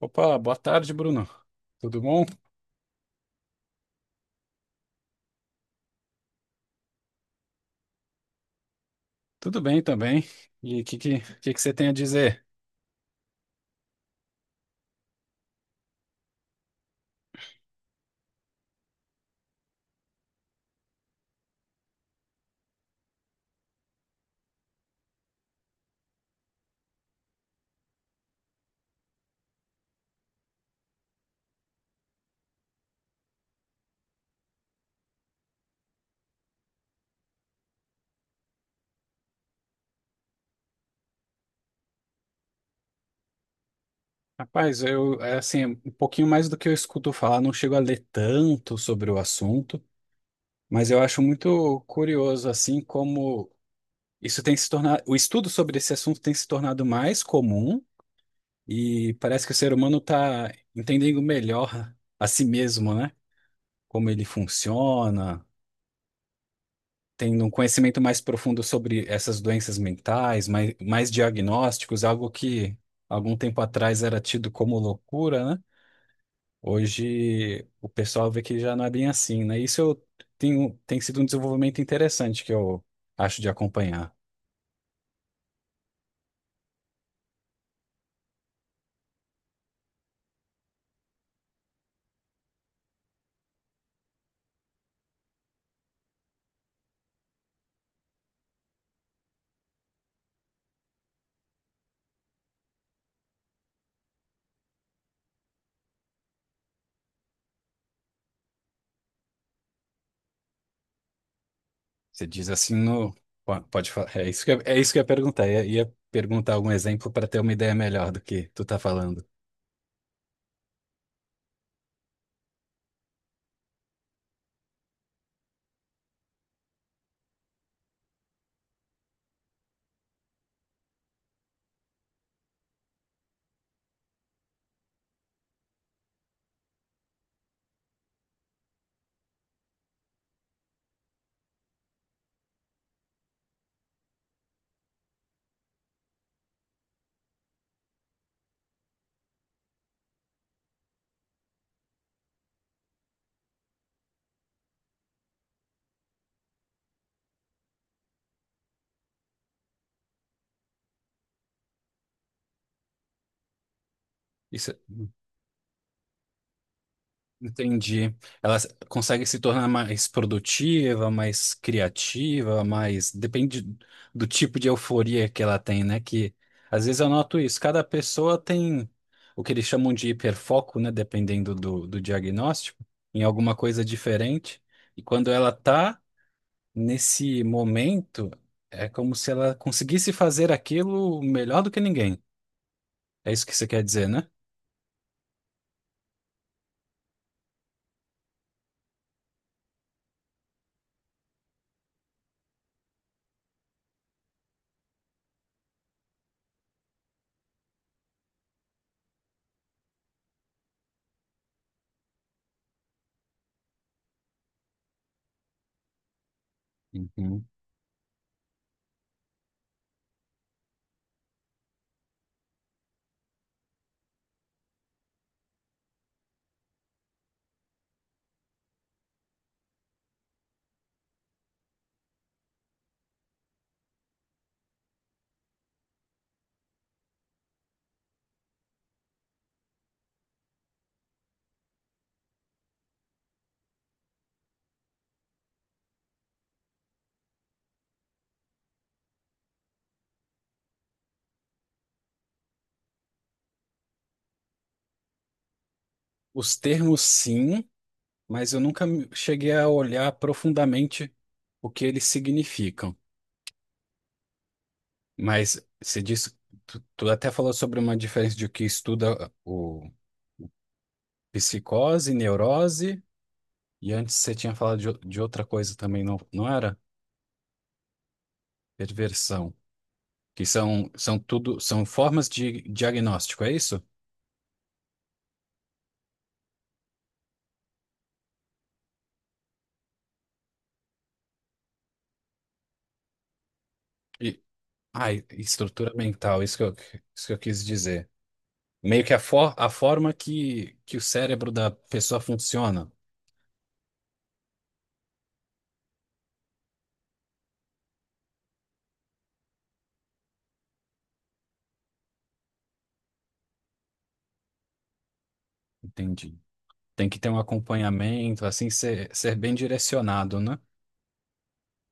Opa, boa tarde, Bruno. Tudo bom? Tudo bem também. E o que você tem a dizer? Rapaz, eu, é assim, um pouquinho mais do que eu escuto falar, não chego a ler tanto sobre o assunto, mas eu acho muito curioso, assim, como isso tem se tornado, o estudo sobre esse assunto tem se tornado mais comum e parece que o ser humano está entendendo melhor a si mesmo, né? Como ele funciona, tendo um conhecimento mais profundo sobre essas doenças mentais, mais diagnósticos, algo que algum tempo atrás era tido como loucura, né? Hoje o pessoal vê que já não é bem assim, né? Isso eu tenho, tem sido um desenvolvimento interessante que eu acho de acompanhar. Você diz assim no. Pode falar. É isso que eu ia perguntar. Ia perguntar algum exemplo para ter uma ideia melhor do que tu tá falando. Isso, entendi. Consegue se tornar mais produtiva, mais criativa, mais. Depende do tipo de euforia que ela tem, né? Que às vezes eu noto isso. Cada pessoa tem o que eles chamam de hiperfoco, né? Dependendo do diagnóstico, em alguma coisa diferente. E quando ela tá nesse momento, é como se ela conseguisse fazer aquilo melhor do que ninguém. É isso que você quer dizer, né? Uhum. Os termos, sim, mas eu nunca me- cheguei a olhar profundamente o que eles significam. Mas você disse, tu até falou sobre uma diferença de que estuda o psicose, neurose, e antes você tinha falado de outra coisa também, não era? Perversão. Que são, são tudo, são formas de diagnóstico, é isso? E, ah, estrutura mental, isso que eu quis dizer. Meio que a forma que o cérebro da pessoa funciona. Entendi. Tem que ter um acompanhamento, assim, ser bem direcionado, né?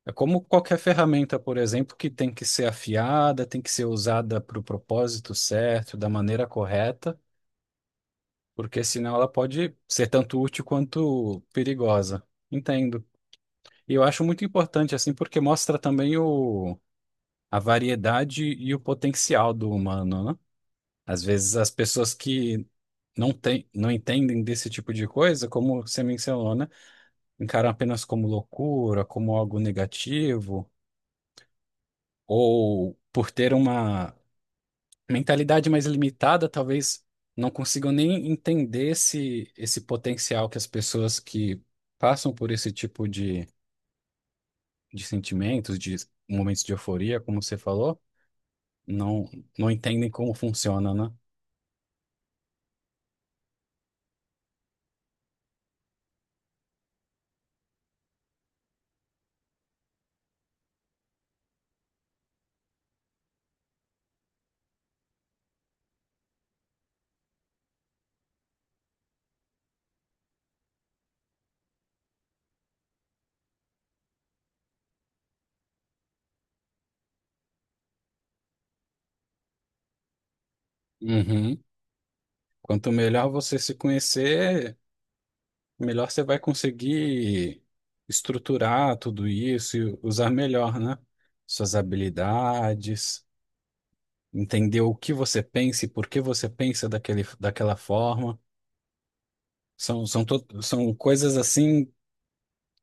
É como qualquer ferramenta, por exemplo, que tem que ser afiada, tem que ser usada para o propósito certo, da maneira correta, porque senão ela pode ser tanto útil quanto perigosa. Entendo. E eu acho muito importante, assim, porque mostra também a variedade e o potencial do humano, né? Às vezes as pessoas que não têm, não entendem desse tipo de coisa, como você mencionou, né? Encaram apenas como loucura, como algo negativo, ou por ter uma mentalidade mais limitada, talvez não consigam nem entender esse potencial que as pessoas que passam por esse tipo de sentimentos, de momentos de euforia, como você falou, não, não entendem como funciona, né? Uhum. Quanto melhor você se conhecer, melhor você vai conseguir estruturar tudo isso e usar melhor, né? Suas habilidades, entender o que você pensa e por que você pensa daquela forma. São coisas assim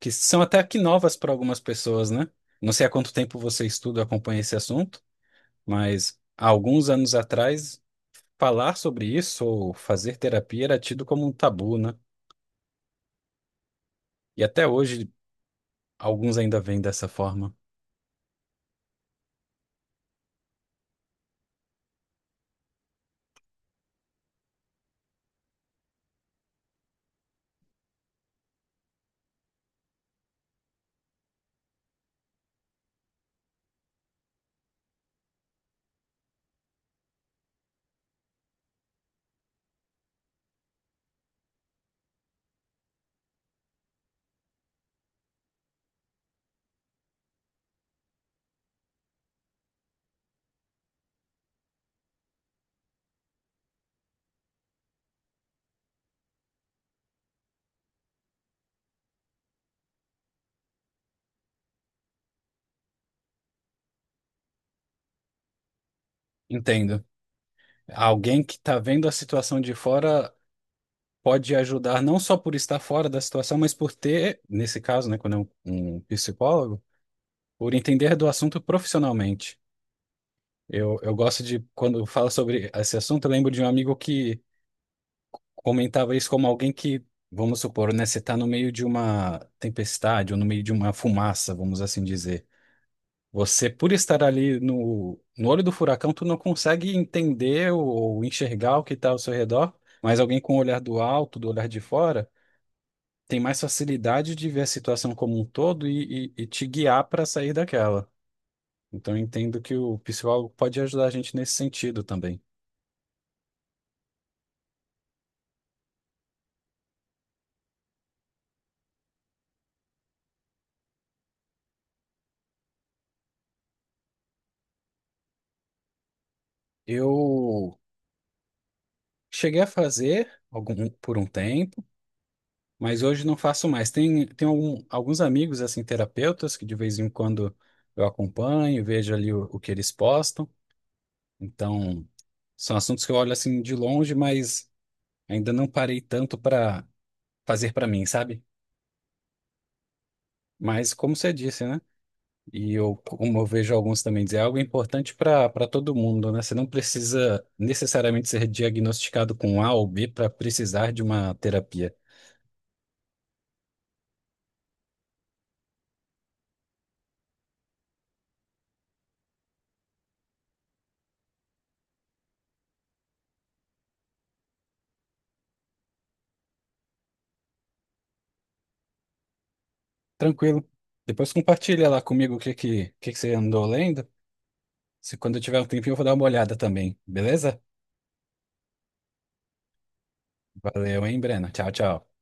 que são até aqui novas para algumas pessoas, né? Não sei há quanto tempo você estuda, acompanha esse assunto, mas há alguns anos atrás, falar sobre isso ou fazer terapia era tido como um tabu, né? E até hoje, alguns ainda veem dessa forma. Entendo. Alguém que está vendo a situação de fora pode ajudar não só por estar fora da situação, mas por ter, nesse caso, né, quando é um psicólogo, por entender do assunto profissionalmente. Eu gosto de, quando fala sobre esse assunto, eu lembro de um amigo que comentava isso como alguém que, vamos supor, né, você está no meio de uma tempestade ou no meio de uma fumaça, vamos assim dizer. Você, por estar ali no olho do furacão, tu não consegue entender ou enxergar o que está ao seu redor, mas alguém com o olhar do alto, do olhar de fora, tem mais facilidade de ver a situação como um todo e te guiar para sair daquela. Então, eu entendo que o psicólogo pode ajudar a gente nesse sentido também. Eu cheguei a fazer algum, por um tempo, mas hoje não faço mais. Tem alguns amigos, assim, terapeutas, que de vez em quando eu acompanho, vejo ali o que eles postam. Então, são assuntos que eu olho assim de longe, mas ainda não parei tanto para fazer para mim, sabe? Mas como você disse, né? E eu, como eu vejo alguns também dizer, é algo importante para todo mundo, né? Você não precisa necessariamente ser diagnosticado com A ou B para precisar de uma terapia. Tranquilo. Depois compartilha lá comigo o o que que você andou lendo. Se quando eu tiver um tempinho, eu vou dar uma olhada também, beleza? Valeu, hein, Brena? Tchau, tchau.